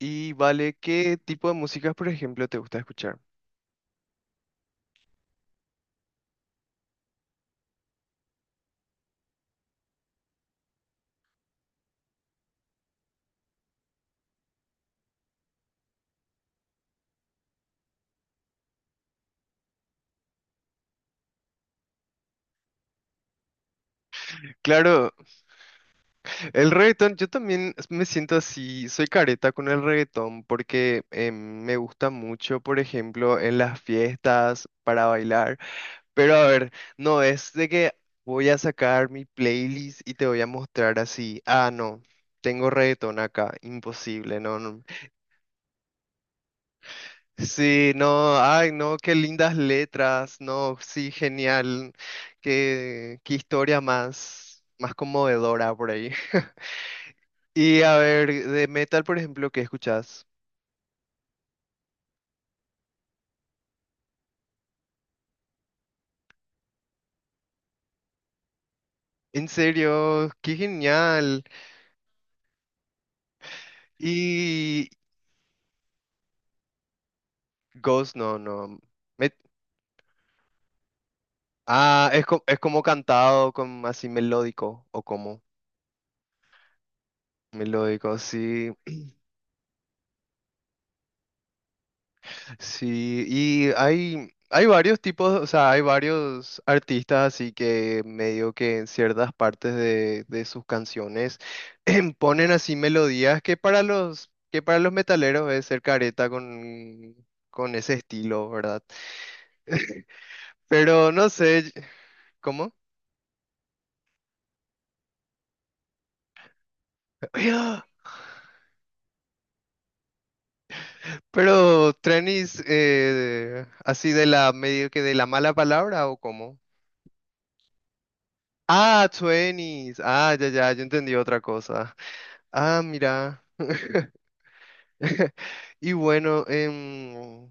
Y vale, ¿qué tipo de música, por ejemplo, te gusta escuchar? Claro, el reggaetón, yo también me siento así, soy careta con el reggaetón porque me gusta mucho, por ejemplo, en las fiestas para bailar, pero a ver, no es de que voy a sacar mi playlist y te voy a mostrar así. Ah, no, tengo reggaetón acá, imposible, no, no. Sí, no, ay, no, qué lindas letras, no, sí, genial, qué historia más conmovedora por ahí. Y a ver, de metal, por ejemplo, ¿qué escuchas? En serio, qué genial. Y Ghost, no, no. Me- Ah, es, es como cantado, como así melódico, o como melódico, sí. Sí, y hay varios tipos, o sea, hay varios artistas así que medio que en ciertas partes de sus canciones ponen así melodías que para los metaleros es ser careta con ese estilo, ¿verdad? Pero no sé, ¿cómo? Pero Trenis, así de la medio que de la mala palabra, ¿o cómo? Ah, Twenties. Ah, ya, ya, yo entendí otra cosa. Ah, mira. Y bueno,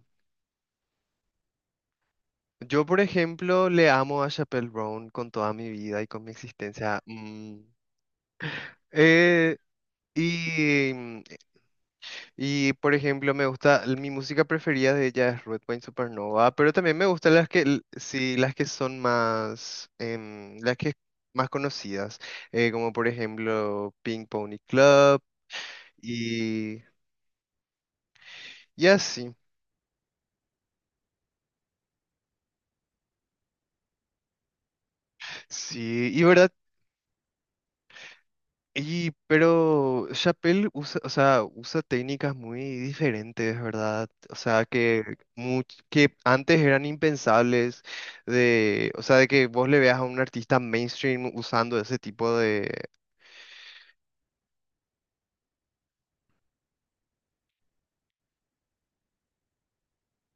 yo por ejemplo le amo a Chappell Brown con toda mi vida y con mi existencia. Eh, y, mm, y por ejemplo me gusta, mi música preferida de ella es Red Wine Supernova, pero también me gustan sí, las que son más, las que más conocidas, como por ejemplo Pink Pony Club y, y así. Sí, y verdad. Pero Chappelle usa, o sea, usa técnicas muy diferentes, ¿verdad? O sea, que, que antes eran impensables de, o sea, de que vos le veas a un artista mainstream usando ese tipo de,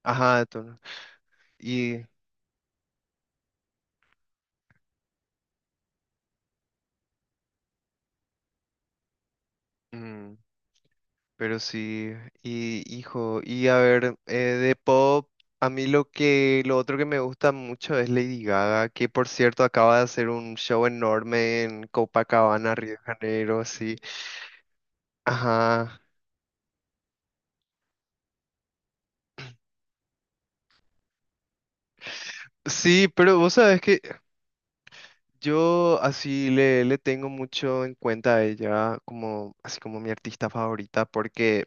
ajá, de tono. Y, mm, pero sí, y a ver, de pop, a mí lo otro que me gusta mucho es Lady Gaga, que por cierto acaba de hacer un show enorme en Copacabana, Río de Janeiro, sí. Ajá. Sí, pero vos sabes que yo así le tengo mucho en cuenta a ella como, así como mi artista favorita, porque,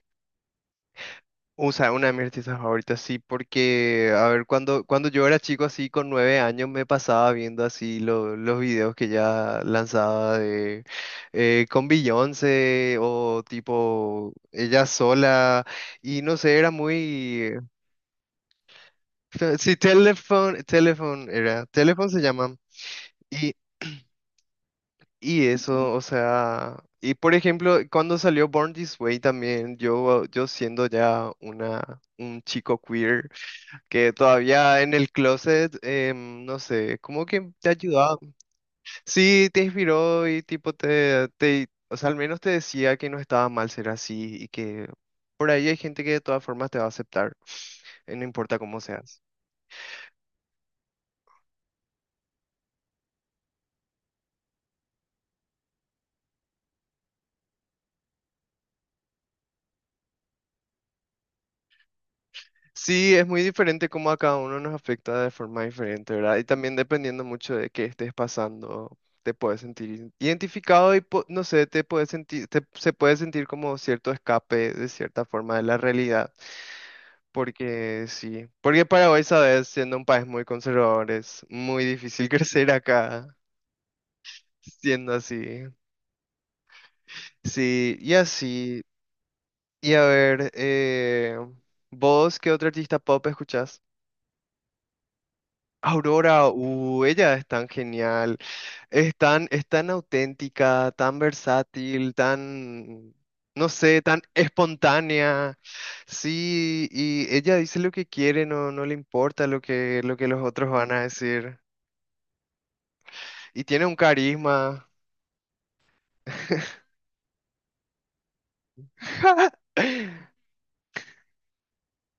o sea, una de mis artistas favoritas, sí, porque, a ver, cuando yo era chico así con 9 años me pasaba viendo así los videos que ella lanzaba de, con Beyoncé o tipo ella sola, y no sé, era muy... Sí, Telephone, Telephone se llama. Y eso, o sea, y por ejemplo, cuando salió Born This Way también, yo siendo ya un chico queer que todavía en el closet, no sé, como que te ayudaba. Sí, te inspiró y tipo o sea, al menos te decía que no estaba mal ser así y que por ahí hay gente que de todas formas te va a aceptar, no importa cómo seas. Sí, es muy diferente cómo a cada uno nos afecta de forma diferente, ¿verdad? Y también dependiendo mucho de qué estés pasando, te puedes sentir identificado y no sé, te puedes sentir, se puede sentir como cierto escape de cierta forma de la realidad, porque sí, porque Paraguay, sabes, siendo un país muy conservador, es muy difícil crecer acá, siendo así. Sí, y así, y a ver, ¿vos qué otro artista pop escuchás? Aurora, ella es tan genial, es tan auténtica, tan versátil, tan, no sé, tan espontánea. Sí, y ella dice lo que quiere, no, no le importa lo que los otros van a decir. Y tiene un carisma.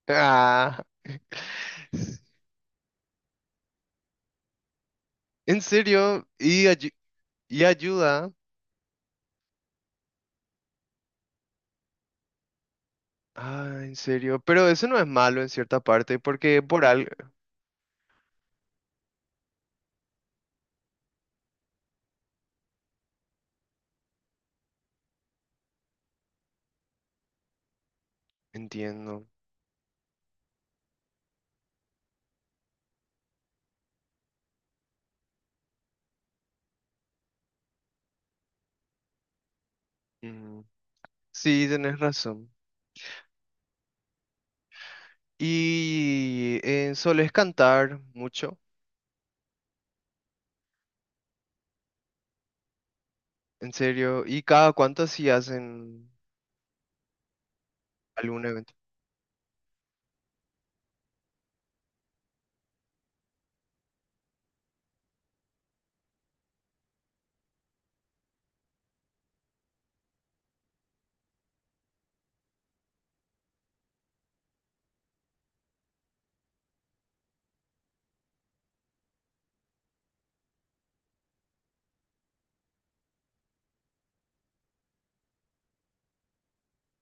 Ah, en serio, y ayuda. Ah, en serio, pero eso no es malo en cierta parte, porque por algo, entiendo. Mm. Sí, tenés razón. Y solés cantar mucho, en serio. ¿Y cada cuánto si hacen algún evento?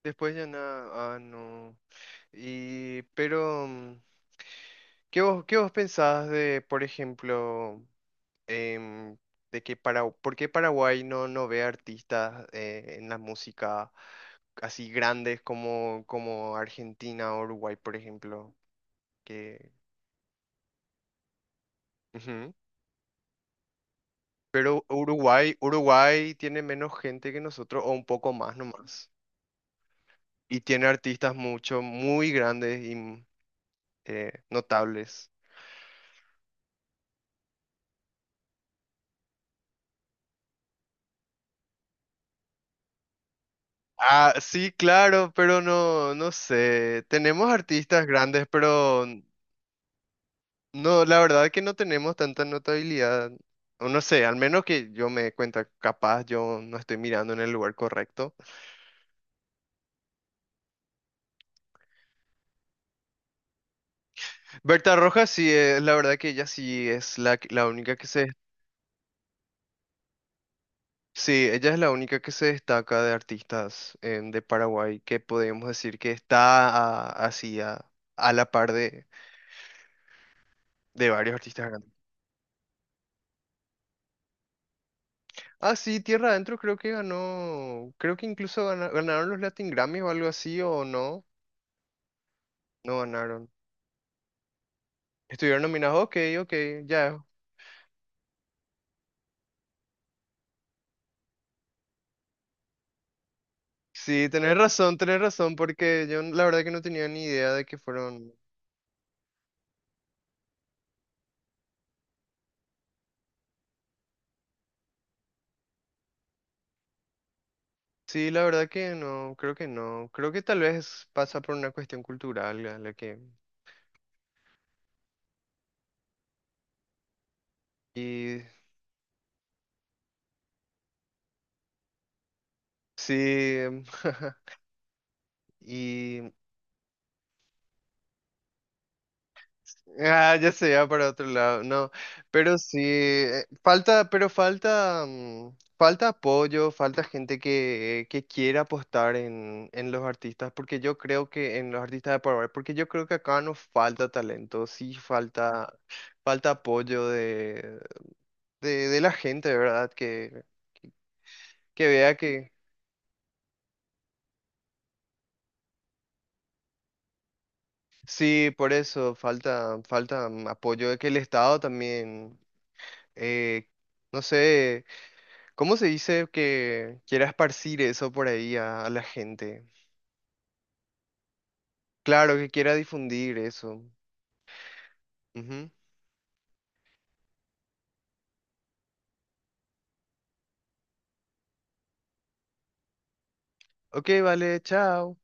Después ya nada, ah, no. Y pero, qué vos pensás de, por ejemplo, em, por qué Paraguay no, no ve artistas en la música así grandes como Argentina o Uruguay, por ejemplo? Que, pero Uruguay tiene menos gente que nosotros, o un poco más nomás. Y tiene artistas muy grandes y notables. Ah, sí, claro, pero no, no sé. Tenemos artistas grandes, pero no, la verdad que no tenemos tanta notabilidad. O no sé, al menos que yo me dé cuenta, capaz yo no estoy mirando en el lugar correcto. Berta Rojas sí, la verdad que ella sí es la única que se... Sí, ella es la única que se destaca de artistas de Paraguay que podemos decir que está así a la par de varios artistas grandes. Ah, sí, Tierra Adentro creo que ganó, creo que incluso ganaron los Latin Grammys o algo así, o no, no ganaron. Estuvieron nominados, ok, ok, ya. Sí, tenés razón, porque yo la verdad que no tenía ni idea de que fueron... Sí, la verdad que no, creo que no. Creo que tal vez pasa por una cuestión cultural a la que... Y sí, y ah, ya se va para otro lado, no, pero sí, falta, pero falta, falta apoyo, falta gente que quiera apostar en los artistas, porque yo creo que en los artistas de Paraguay, porque yo creo que acá no falta talento, sí falta, falta apoyo de la gente, ¿verdad? Que vea que sí, por eso falta, falta apoyo de que el Estado también eh, no sé, ¿cómo se dice? Que quiera esparcir eso por ahí a la gente. Claro, que quiera difundir eso. Ujú. Ok, vale, chao.